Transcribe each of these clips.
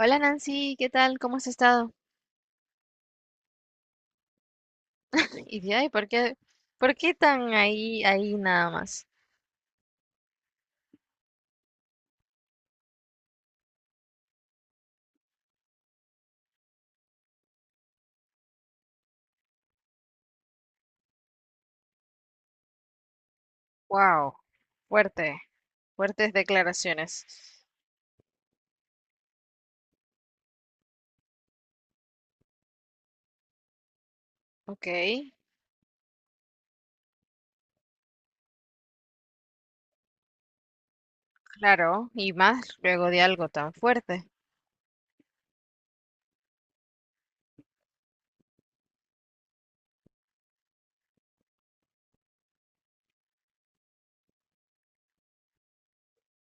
Hola Nancy, ¿qué tal? ¿Cómo has estado? Y de ahí por qué tan ahí, ahí nada más? Wow, fuerte, fuertes declaraciones. Ok, claro, y más luego de algo tan fuerte.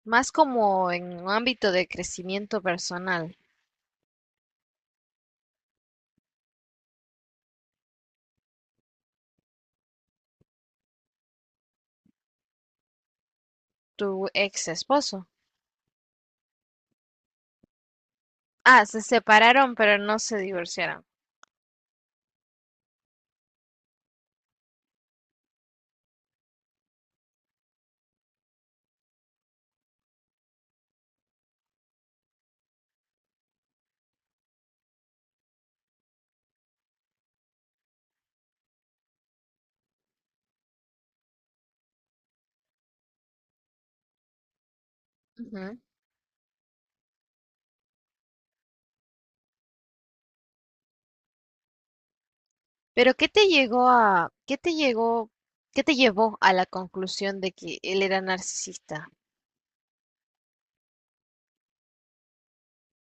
Más como en un ámbito de crecimiento personal. Tu ex esposo. Ah, se separaron, pero no se divorciaron. Ujú. Pero ¿qué te llegó a, qué te llegó, qué te llevó a la conclusión de que él era narcisista?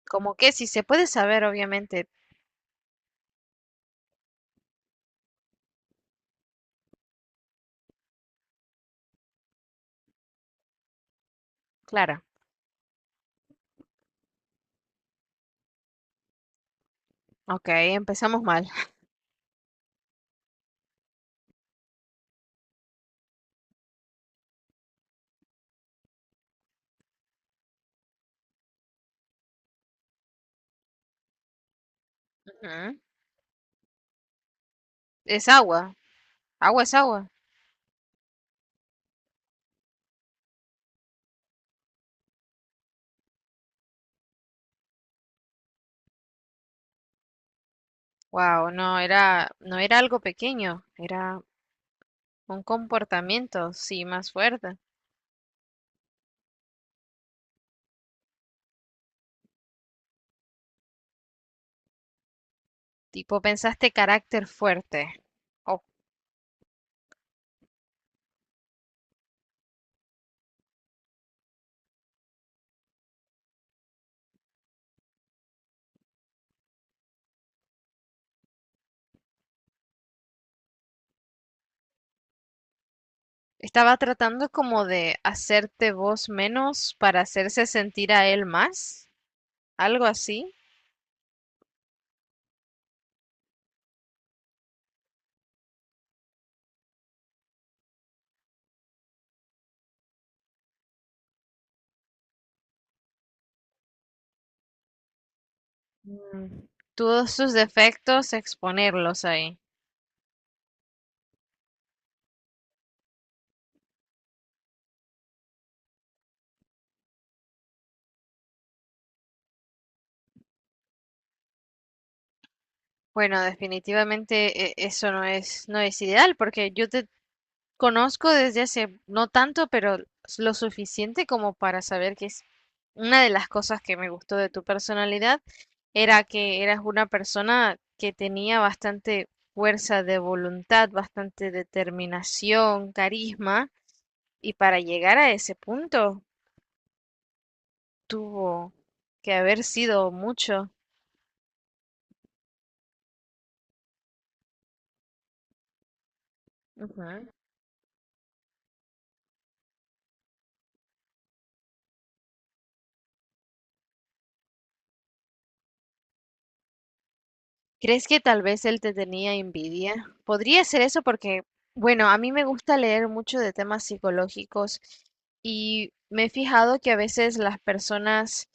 Como que si se puede saber, obviamente. Clara. Ok, empezamos mal. Ujú. Es agua. Agua es agua. Wow, no era algo pequeño, era un comportamiento, sí, más fuerte. Tipo, pensaste carácter fuerte. O estaba tratando como de hacerte vos menos para hacerse sentir a él más, algo así. Mm, todos sus defectos, exponerlos ahí. Bueno, definitivamente eso no es, no es ideal, porque yo te conozco desde hace no tanto, pero lo suficiente como para saber que es una de las cosas que me gustó de tu personalidad era que eras una persona que tenía bastante fuerza de voluntad, bastante determinación, carisma, y para llegar a ese punto tuvo que haber sido mucho. Ujú. ¿Crees que tal vez él te tenía envidia? Podría ser eso porque, bueno, a mí me gusta leer mucho de temas psicológicos y me he fijado que a veces las personas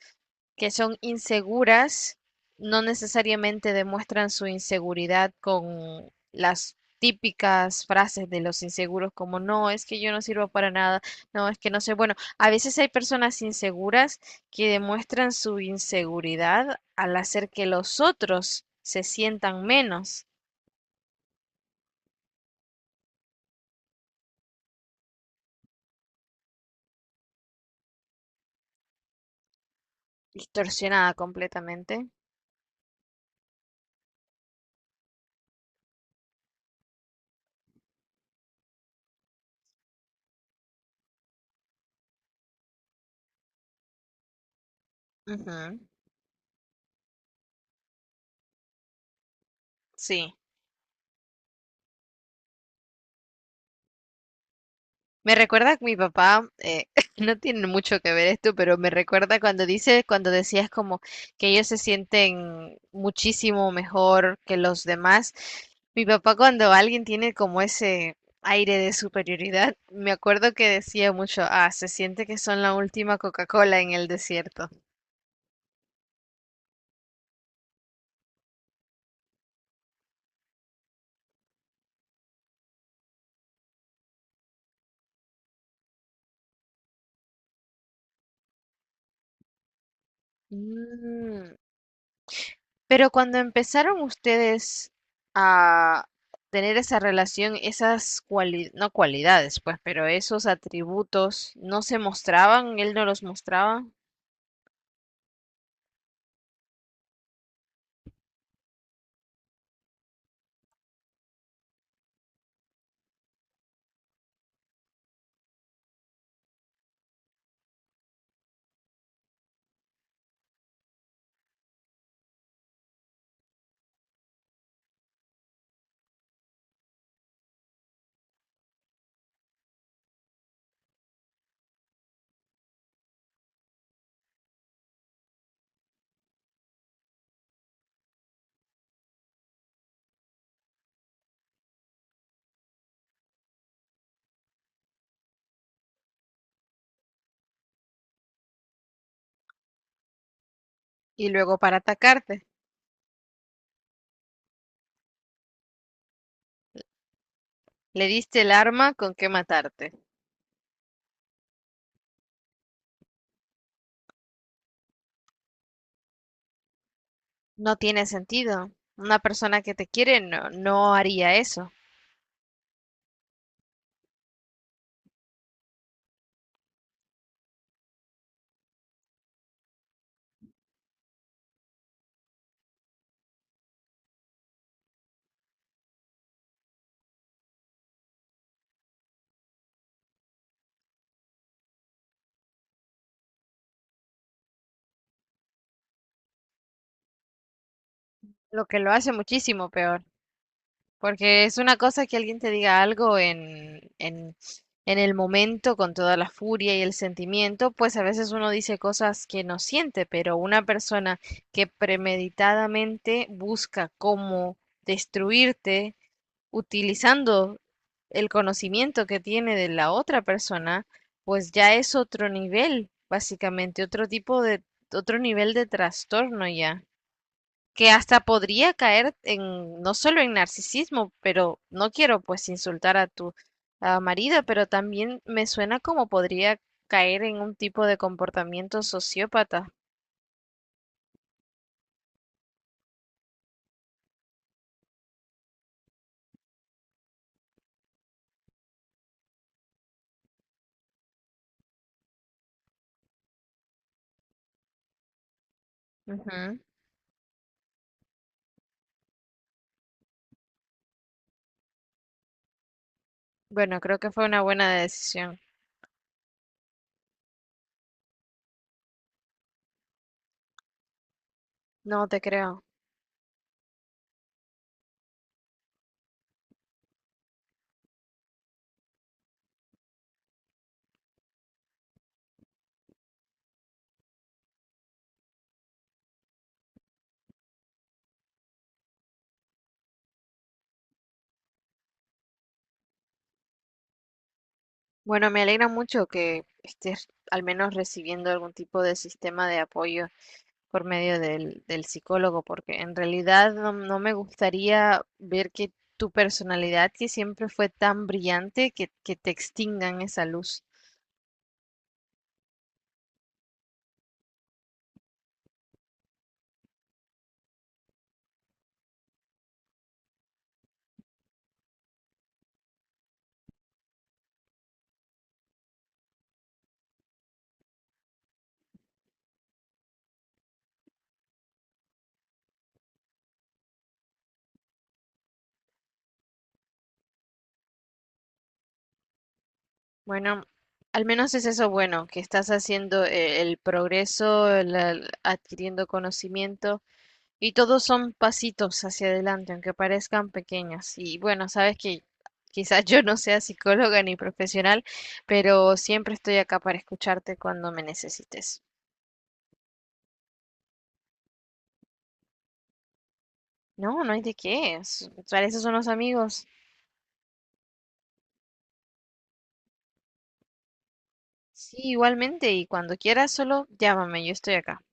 que son inseguras no necesariamente demuestran su inseguridad con las típicas frases de los inseguros como no, es que yo no sirvo para nada, no, es que no sé. Bueno, a veces hay personas inseguras que demuestran su inseguridad al hacer que los otros se sientan menos, distorsionada completamente. Ujú. Sí. Me recuerda que mi papá, no tiene mucho que ver esto, pero me recuerda cuando dice, cuando decías como que ellos se sienten muchísimo mejor que los demás. Mi papá cuando alguien tiene como ese aire de superioridad, me acuerdo que decía mucho, ah, se siente que son la última Coca-Cola en el desierto. Mm, pero cuando empezaron ustedes a tener esa relación, esas cualidades, no cualidades, pues, pero esos atributos no se mostraban, él no los mostraba, y luego para atacarte, le diste el arma con que matarte. No tiene sentido. Una persona que te quiere no, no haría eso, lo que lo hace muchísimo peor. Porque es una cosa que alguien te diga algo en el momento, con toda la furia y el sentimiento, pues a veces uno dice cosas que no siente, pero una persona que premeditadamente busca cómo destruirte utilizando el conocimiento que tiene de la otra persona, pues ya es otro nivel, básicamente, otro tipo de, otro nivel de trastorno ya que hasta podría caer en, no solo en narcisismo, pero no quiero pues insultar a tu ah, marido, pero también me suena como podría caer en un tipo de comportamiento sociópata. Ujú. Bueno, creo que fue una buena decisión. No te creo. Bueno, me alegra mucho que estés al menos recibiendo algún tipo de sistema de apoyo por medio del psicólogo, porque en realidad no, no me gustaría ver que tu personalidad, que siempre fue tan brillante, que te extingan esa luz. Bueno, al menos es eso bueno, que estás haciendo el progreso, el adquiriendo conocimiento, y todos son pasitos hacia adelante, aunque parezcan pequeños. Y bueno, sabes que quizás yo no sea psicóloga ni profesional, pero siempre estoy acá para escucharte cuando me necesites. No, no hay de qué. Para eso son los amigos. Sí, igualmente. Y cuando quieras, solo llámame. Yo estoy acá.